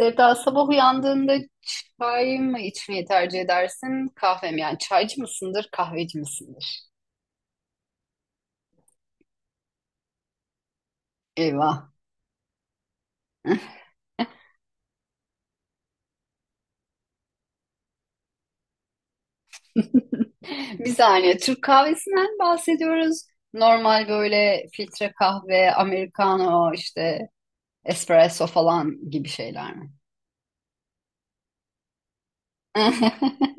Sevda sabah uyandığında çay mı içmeyi tercih edersin? Kahve mi? Yani çaycı mısındır, kahveci misindir? Eyvah. Bir saniye. Türk kahvesinden bahsediyoruz. Normal böyle filtre kahve, americano, işte espresso falan gibi şeyler mi?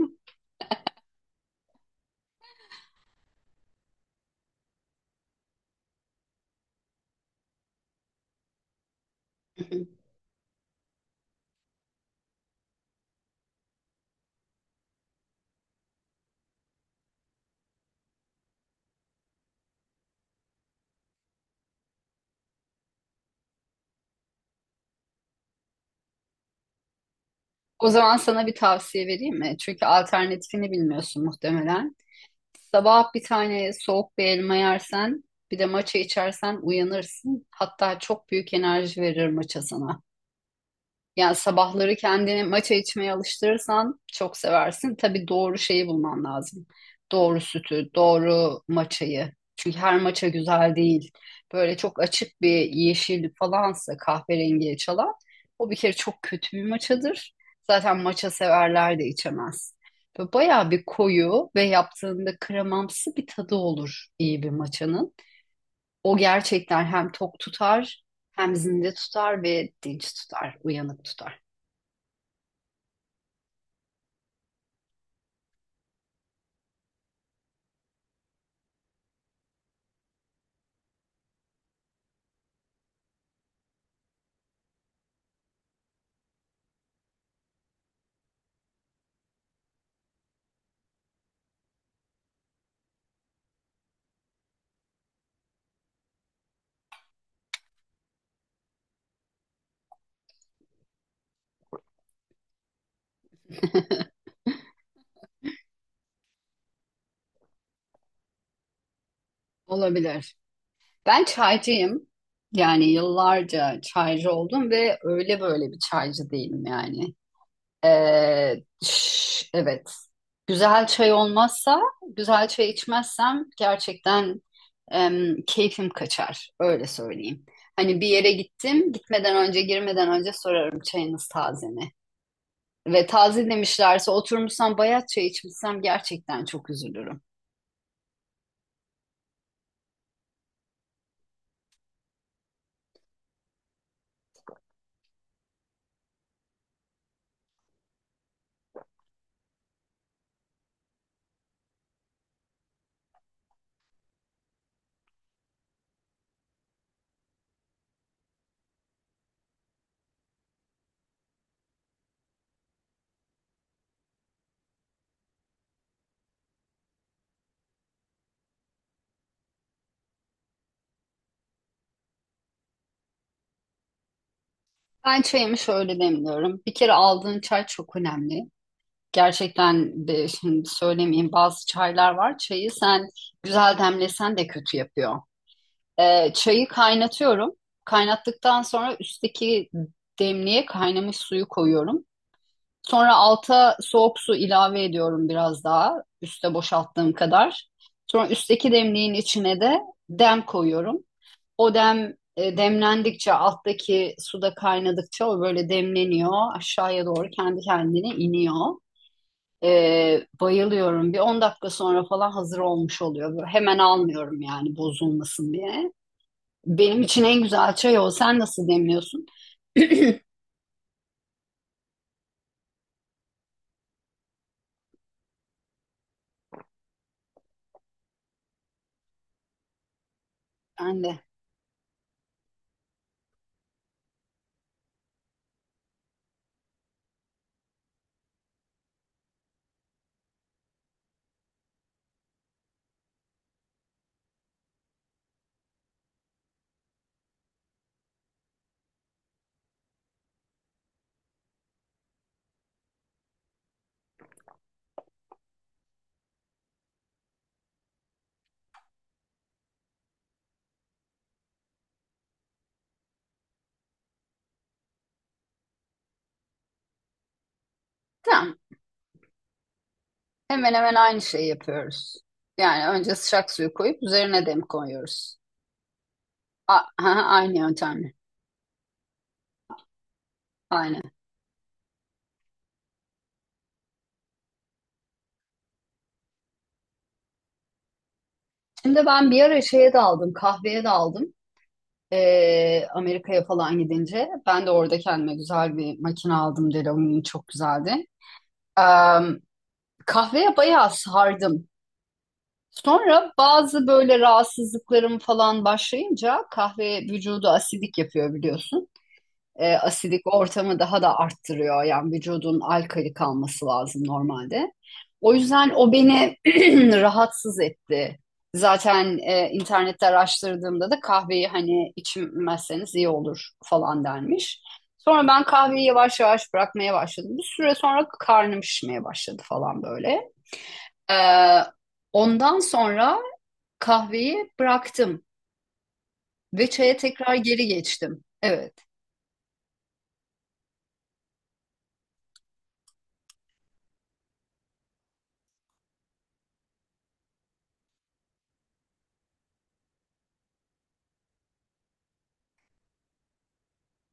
O zaman sana bir tavsiye vereyim mi? Çünkü alternatifini bilmiyorsun muhtemelen. Sabah bir tane soğuk bir elma yersen, bir de maça içersen uyanırsın. Hatta çok büyük enerji verir maça sana. Yani sabahları kendini matcha içmeye alıştırırsan çok seversin. Tabii doğru şeyi bulman lazım. Doğru sütü, doğru matchayı. Çünkü her matcha güzel değil. Böyle çok açık bir yeşil falansa kahverengiye çalan o bir kere çok kötü bir matchadır. Zaten matcha severler de içemez. Böyle bayağı bir koyu ve yaptığında kremamsı bir tadı olur iyi bir matchanın. O gerçekten hem tok tutar hem zinde tutar ve dinç tutar, uyanık tutar. Olabilir. Ben çaycıyım. Yani yıllarca çaycı oldum ve öyle böyle bir çaycı değilim yani. Ee, evet. Güzel çay olmazsa, güzel çay içmezsem gerçekten keyfim kaçar. Öyle söyleyeyim. Hani bir yere gittim, gitmeden önce, girmeden önce sorarım çayınız taze mi? Ve taze demişlerse oturmuşsam bayat çay içmişsem gerçekten çok üzülürüm. Ben çayımı şöyle demliyorum. Bir kere aldığın çay çok önemli. Gerçekten de şimdi söylemeyeyim bazı çaylar var. Çayı sen güzel demlesen de kötü yapıyor. Çayı kaynatıyorum. Kaynattıktan sonra üstteki demliğe kaynamış suyu koyuyorum. Sonra alta soğuk su ilave ediyorum biraz daha. Üste boşalttığım kadar. Sonra üstteki demliğin içine de dem koyuyorum. O dem demlendikçe alttaki suda kaynadıkça o böyle demleniyor. Aşağıya doğru kendi kendine iniyor. Bayılıyorum. Bir 10 dakika sonra falan hazır olmuş oluyor. Böyle hemen almıyorum yani bozulmasın diye. Benim için en güzel çay o. Sen nasıl demliyorsun? Ben de. Tamam. Hemen hemen aynı şeyi yapıyoruz. Yani önce sıcak suyu koyup üzerine dem koyuyoruz. A- aha, aynı yöntemle. Aynen. Şimdi ben bir ara şeye daldım, kahveye daldım. Amerika'ya falan gidince. Ben de orada kendime güzel bir makine aldım. Delonghi çok güzeldi. Ee, kahveye bayağı sardım. Sonra bazı böyle rahatsızlıklarım falan başlayınca kahve vücudu asidik yapıyor biliyorsun. Asidik ortamı daha da arttırıyor. Yani vücudun alkali kalması lazım normalde. O yüzden o beni rahatsız etti. Zaten internette araştırdığımda da kahveyi hani içmezseniz iyi olur falan denmiş. Sonra ben kahveyi yavaş yavaş bırakmaya başladım. Bir süre sonra karnım şişmeye başladı falan böyle. Ee, Ondan sonra kahveyi bıraktım ve çaya tekrar geri geçtim. Evet,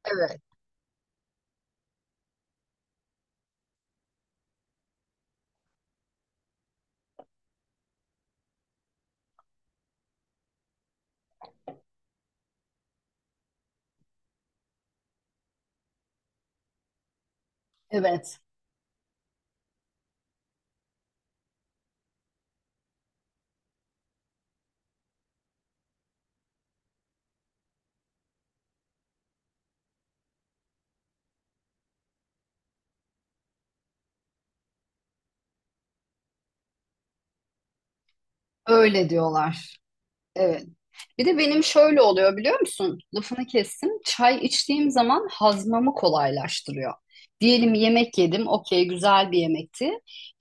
evet, evet. Öyle diyorlar. Evet. Bir de benim şöyle oluyor biliyor musun? Lafını kestim. Çay içtiğim zaman hazmamı kolaylaştırıyor. Diyelim yemek yedim. Okey güzel bir yemekti.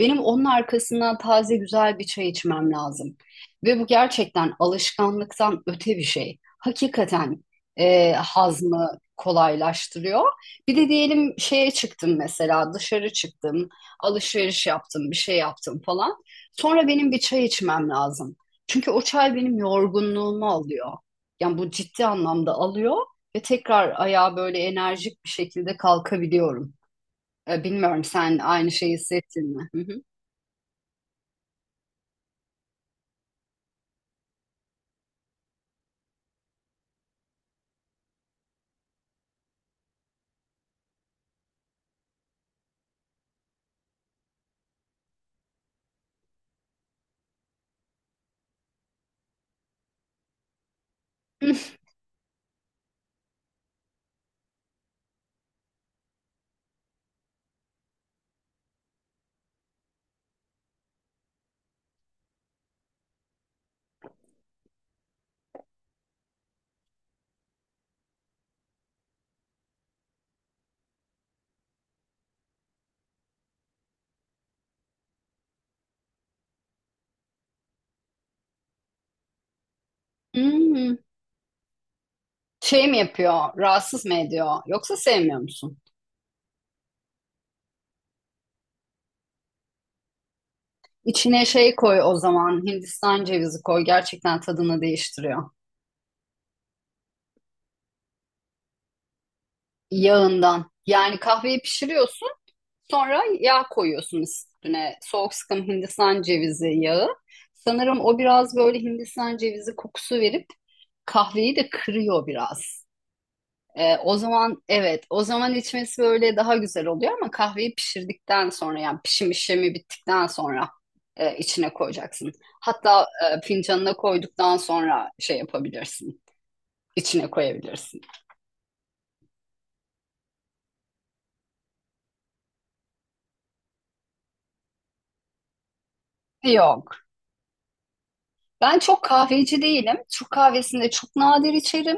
Benim onun arkasından taze güzel bir çay içmem lazım. Ve bu gerçekten alışkanlıktan öte bir şey. Hakikaten hazmı kolaylaştırıyor. Bir de diyelim şeye çıktım mesela dışarı çıktım. Alışveriş yaptım bir şey yaptım falan. Sonra benim bir çay içmem lazım. Çünkü o çay benim yorgunluğumu alıyor. Yani bu ciddi anlamda alıyor ve tekrar ayağa böyle enerjik bir şekilde kalkabiliyorum. Bilmiyorum sen aynı şeyi hissettin mi? Hı hı. Hmm. Şey mi yapıyor? Rahatsız mı ediyor? Yoksa sevmiyor musun? İçine şey koy o zaman. Hindistan cevizi koy. Gerçekten tadını değiştiriyor. Yağından. Yani kahveyi pişiriyorsun. Sonra yağ koyuyorsunuz üstüne. Soğuk sıkım Hindistan cevizi yağı. Sanırım o biraz böyle Hindistan cevizi kokusu verip kahveyi de kırıyor biraz. O zaman evet, o zaman içmesi böyle daha güzel oluyor ama kahveyi pişirdikten sonra yani pişim işlemi bittikten sonra içine koyacaksın. Hatta fincanına koyduktan sonra şey yapabilirsin, içine koyabilirsin. Yok. Ben çok kahveci değilim. Türk kahvesinde çok nadir içerim.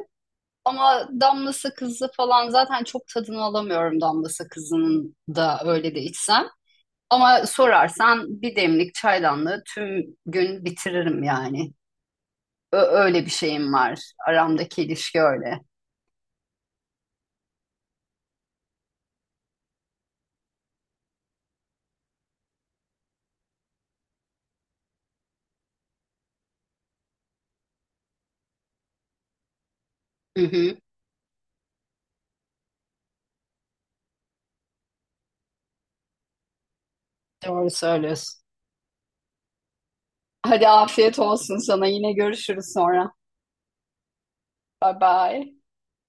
Ama damla sakızı falan zaten çok tadını alamıyorum damla sakızının da öyle de içsem. Ama sorarsan bir demlik çaydanlığı tüm gün bitiririm yani. Öyle bir şeyim var. Aramdaki ilişki öyle. Hı hı, doğru söylüyorsun. Hadi afiyet olsun sana. Yine görüşürüz sonra. Bye bye.